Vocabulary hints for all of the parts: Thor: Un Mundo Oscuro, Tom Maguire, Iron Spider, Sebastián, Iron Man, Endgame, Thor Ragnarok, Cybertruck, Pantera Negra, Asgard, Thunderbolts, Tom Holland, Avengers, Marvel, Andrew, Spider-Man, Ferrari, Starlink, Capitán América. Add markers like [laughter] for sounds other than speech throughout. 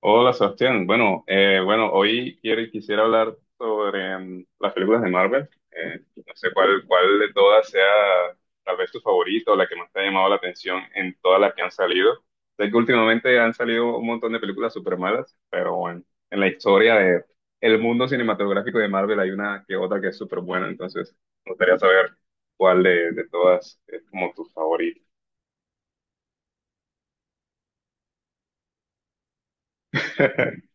Hola Sebastián, bueno, hoy quisiera hablar sobre las películas de Marvel. No sé cuál de todas sea tal vez tu favorito o la que más te ha llamado la atención en todas las que han salido. Sé que últimamente han salido un montón de películas súper malas, pero bueno, en la historia de el mundo cinematográfico de Marvel hay una que otra que es súper buena, entonces me gustaría saber cuál de todas es como tu favorito. [laughs]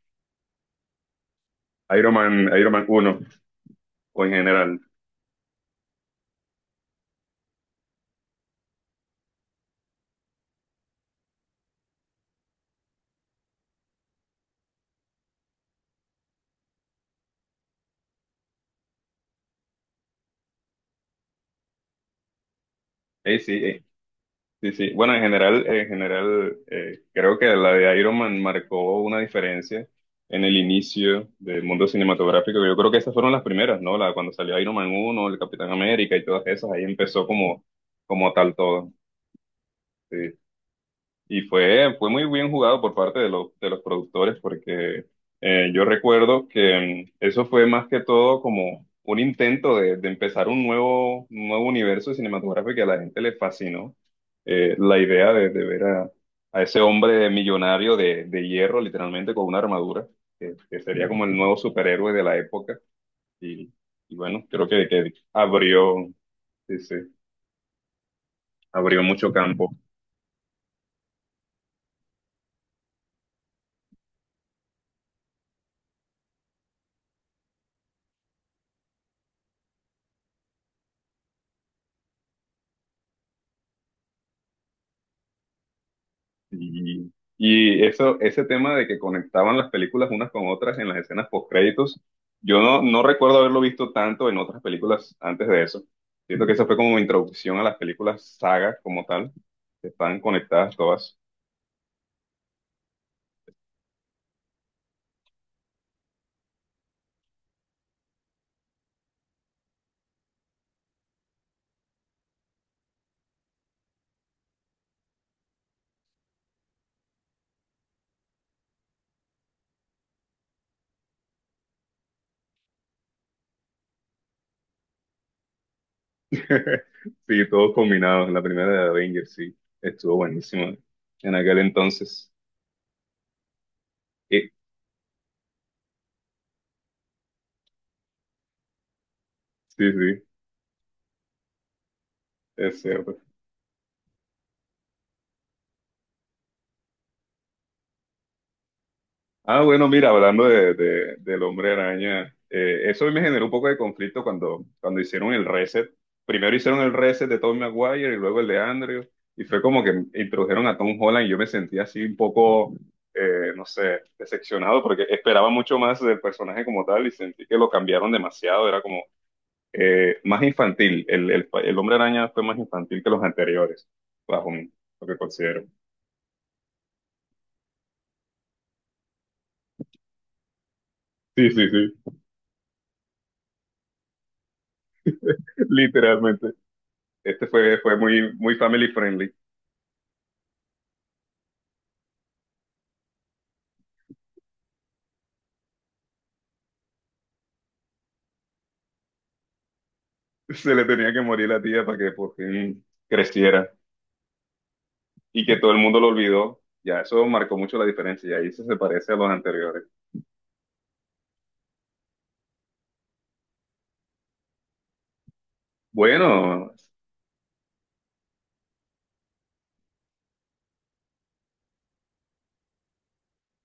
Iron Man, Iron Man 1 o en general. Sí, sí, sí. Bueno, en general, creo que la de Iron Man marcó una diferencia en el inicio del mundo cinematográfico. Yo creo que esas fueron las primeras, ¿no? Cuando salió Iron Man uno, el Capitán América y todas esas, ahí empezó como tal todo. Sí. Y fue muy bien jugado por parte de los productores porque yo recuerdo que eso fue más que todo como un intento de empezar un nuevo universo cinematográfico que a la gente le fascinó. La idea de ver a ese hombre millonario de hierro, literalmente con una armadura, que sería como el nuevo superhéroe de la época. Y, y bueno, creo que abrió, sí, sí, abrió mucho campo. Y, y ese tema de que conectaban las películas unas con otras en las escenas postcréditos, yo no recuerdo haberlo visto tanto en otras películas antes de eso. Siento que esa fue como mi introducción a las películas saga como tal, que están conectadas todas. [laughs] Sí, todos combinados. La primera de Avengers, sí, estuvo buenísima en aquel entonces. Eh, Sí, sí, es cierto. Ah, bueno, mira, hablando del hombre araña, eso me generó un poco de conflicto cuando hicieron el reset. Primero hicieron el reset de Tom Maguire y luego el de Andrew, y fue como que introdujeron a Tom Holland y yo me sentí así un poco, no sé, decepcionado porque esperaba mucho más del personaje como tal y sentí que lo cambiaron demasiado, era como más infantil, el hombre araña fue más infantil que los anteriores, bajo mi- lo que considero. Sí, sí, sí, [laughs] literalmente. Este fue muy, muy family friendly. [laughs] Se le tenía que morir la tía para que por fin creciera y que todo el mundo lo olvidó. Ya, eso marcó mucho la diferencia y ahí se parece a los anteriores. Bueno,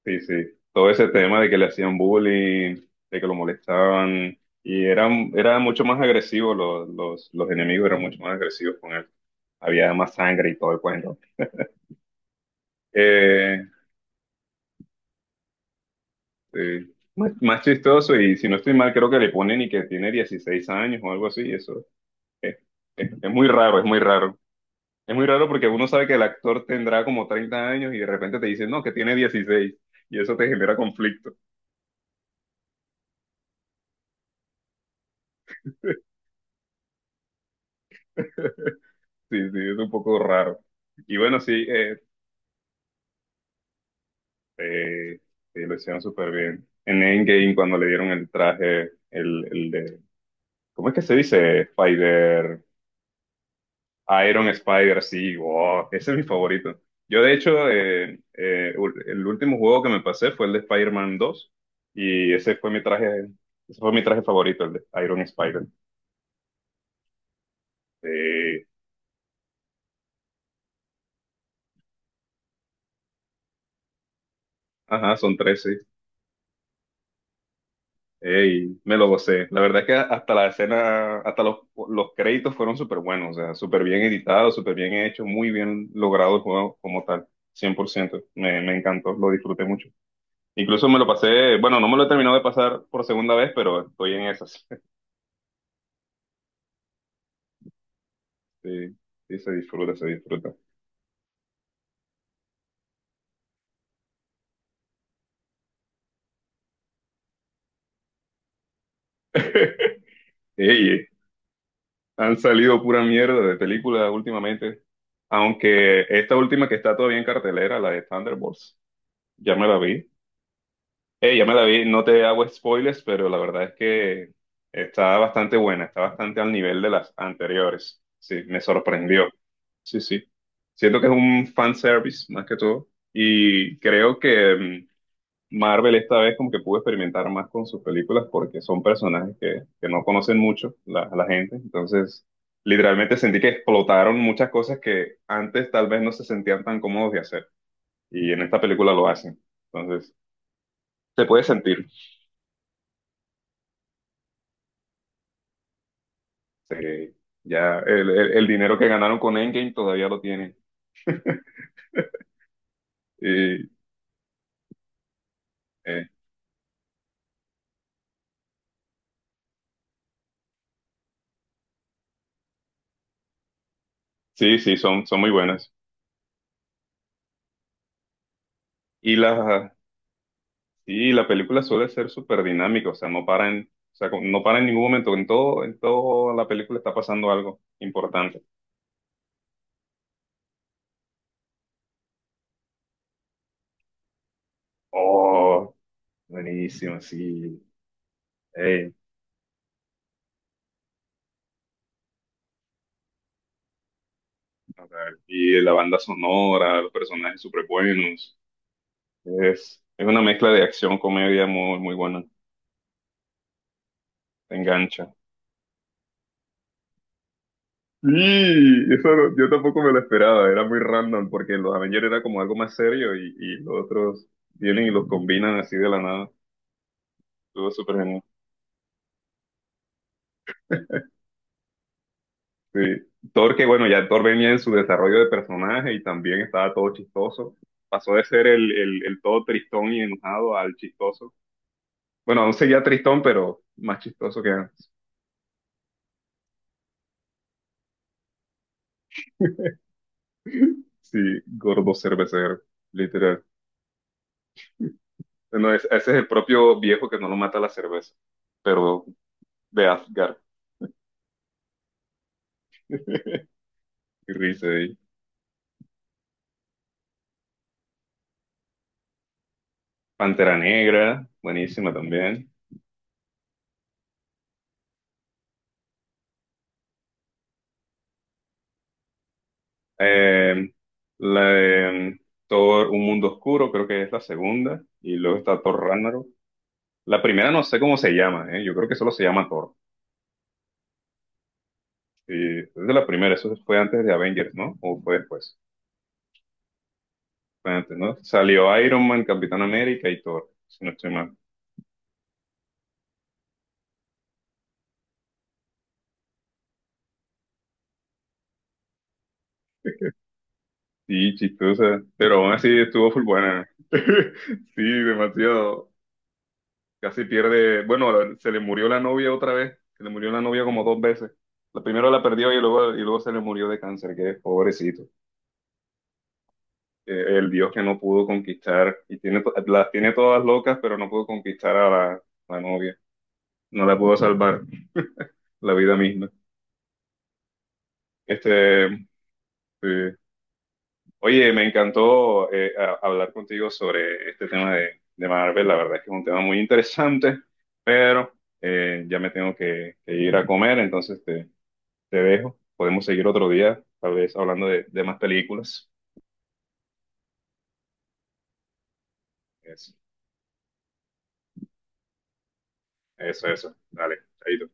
sí, sí. Todo ese tema de que le hacían bullying, de que lo molestaban y eran, era mucho más agresivos los enemigos, eran mucho más agresivos con él. Había más sangre y todo el cuento. Eh, sí. Más chistoso y si no estoy mal, creo que le ponen y que tiene 16 años o algo así, eso. Es, es muy raro, es muy raro. Es muy raro porque uno sabe que el actor tendrá como 30 años y de repente te dicen, no, que tiene 16. Y eso te genera conflicto. Sí, sí, es un poco raro. Y bueno, sí, eh, sí, lo hicieron súper bien. En Endgame, cuando le dieron el traje, el de, ¿cómo es que se dice? Spider. Iron Spider, sí, wow, ese es mi favorito. Yo, de hecho, el último juego que me pasé fue el de Spider-Man 2 y ese fue mi traje favorito, el de Iron Spider. Eh, ajá, son 13. Y me lo gocé. La verdad es que hasta la escena, hasta los créditos fueron súper buenos, o sea, súper bien editados, súper bien hechos, muy bien logrado el juego como tal, 100%. Me encantó, lo disfruté mucho. Incluso me lo pasé, bueno, no me lo he terminado de pasar por segunda vez, pero estoy en esas. [laughs] Sí, sí se disfruta, se disfruta. [laughs] Ey, han salido pura mierda de películas últimamente, aunque esta última que está todavía en cartelera, la de Thunderbolts, ya me la vi. Ya me la vi, no te hago spoilers, pero la verdad es que está bastante buena, está bastante al nivel de las anteriores. Sí, me sorprendió. Sí, sí. Siento que es un fan service más que todo y creo que mm, Marvel esta vez como que pudo experimentar más con sus películas porque son personajes que no conocen mucho la gente. Entonces, literalmente sentí que explotaron muchas cosas que antes tal vez no se sentían tan cómodos de hacer. Y en esta película lo hacen. Entonces, se puede sentir. Se- ya el dinero que ganaron con Endgame todavía lo tienen. Y, eh, sí, sí, son muy buenas. Y las, Sí, la película suele ser súper dinámica, o sea, no para en, o sea, no para en ningún momento, en toda la película está pasando algo importante. Oh, buenísimo, sí. Ey, o sea, y la banda sonora, los personajes súper buenos. Es una mezcla de acción, comedia muy, muy buena, te engancha. Sí, eso no- yo tampoco me lo esperaba, era muy random, porque los Avengers era como algo más serio y los otros vienen y los combinan así de la nada. Estuvo súper genial. Sí. Thor, que bueno, ya Thor venía en su desarrollo de personaje y también estaba todo chistoso. Pasó de ser el todo tristón y enojado al chistoso. Bueno, aún seguía tristón, pero más chistoso que antes. Sí, gordo cervecero, literal. Bueno, ese es el propio viejo que no lo mata la cerveza, pero de Asgard y risa ahí. Pantera Negra, buenísima también. Eh, la de Thor, Un Mundo Oscuro, creo que es la segunda. Y luego está Thor Ragnarok. La primera no sé cómo se llama, ¿eh? Yo creo que solo se llama Thor. Y es de la primera, eso fue antes de Avengers, ¿no? ¿O fue después? Fue antes, ¿no? Salió Iron Man, Capitán América y Thor, si no estoy mal. Sí, chistosa, pero aún así estuvo full buena. [laughs] Sí, demasiado. Casi pierde, bueno, se le murió la novia otra vez, se le murió la novia como 2 veces. La primero la perdió y luego, se le murió de cáncer, que pobrecito. El dios que no pudo conquistar y las tiene todas locas, pero no pudo conquistar a la novia. No la puedo salvar, la vida misma. Este, sí. Oye, me encantó hablar contigo sobre este tema de Marvel, la verdad es que es un tema muy interesante, pero ya me tengo que ir a comer, entonces te dejo. Podemos seguir otro día, tal vez hablando de más películas. Eso, eso, eso. Dale, chaito.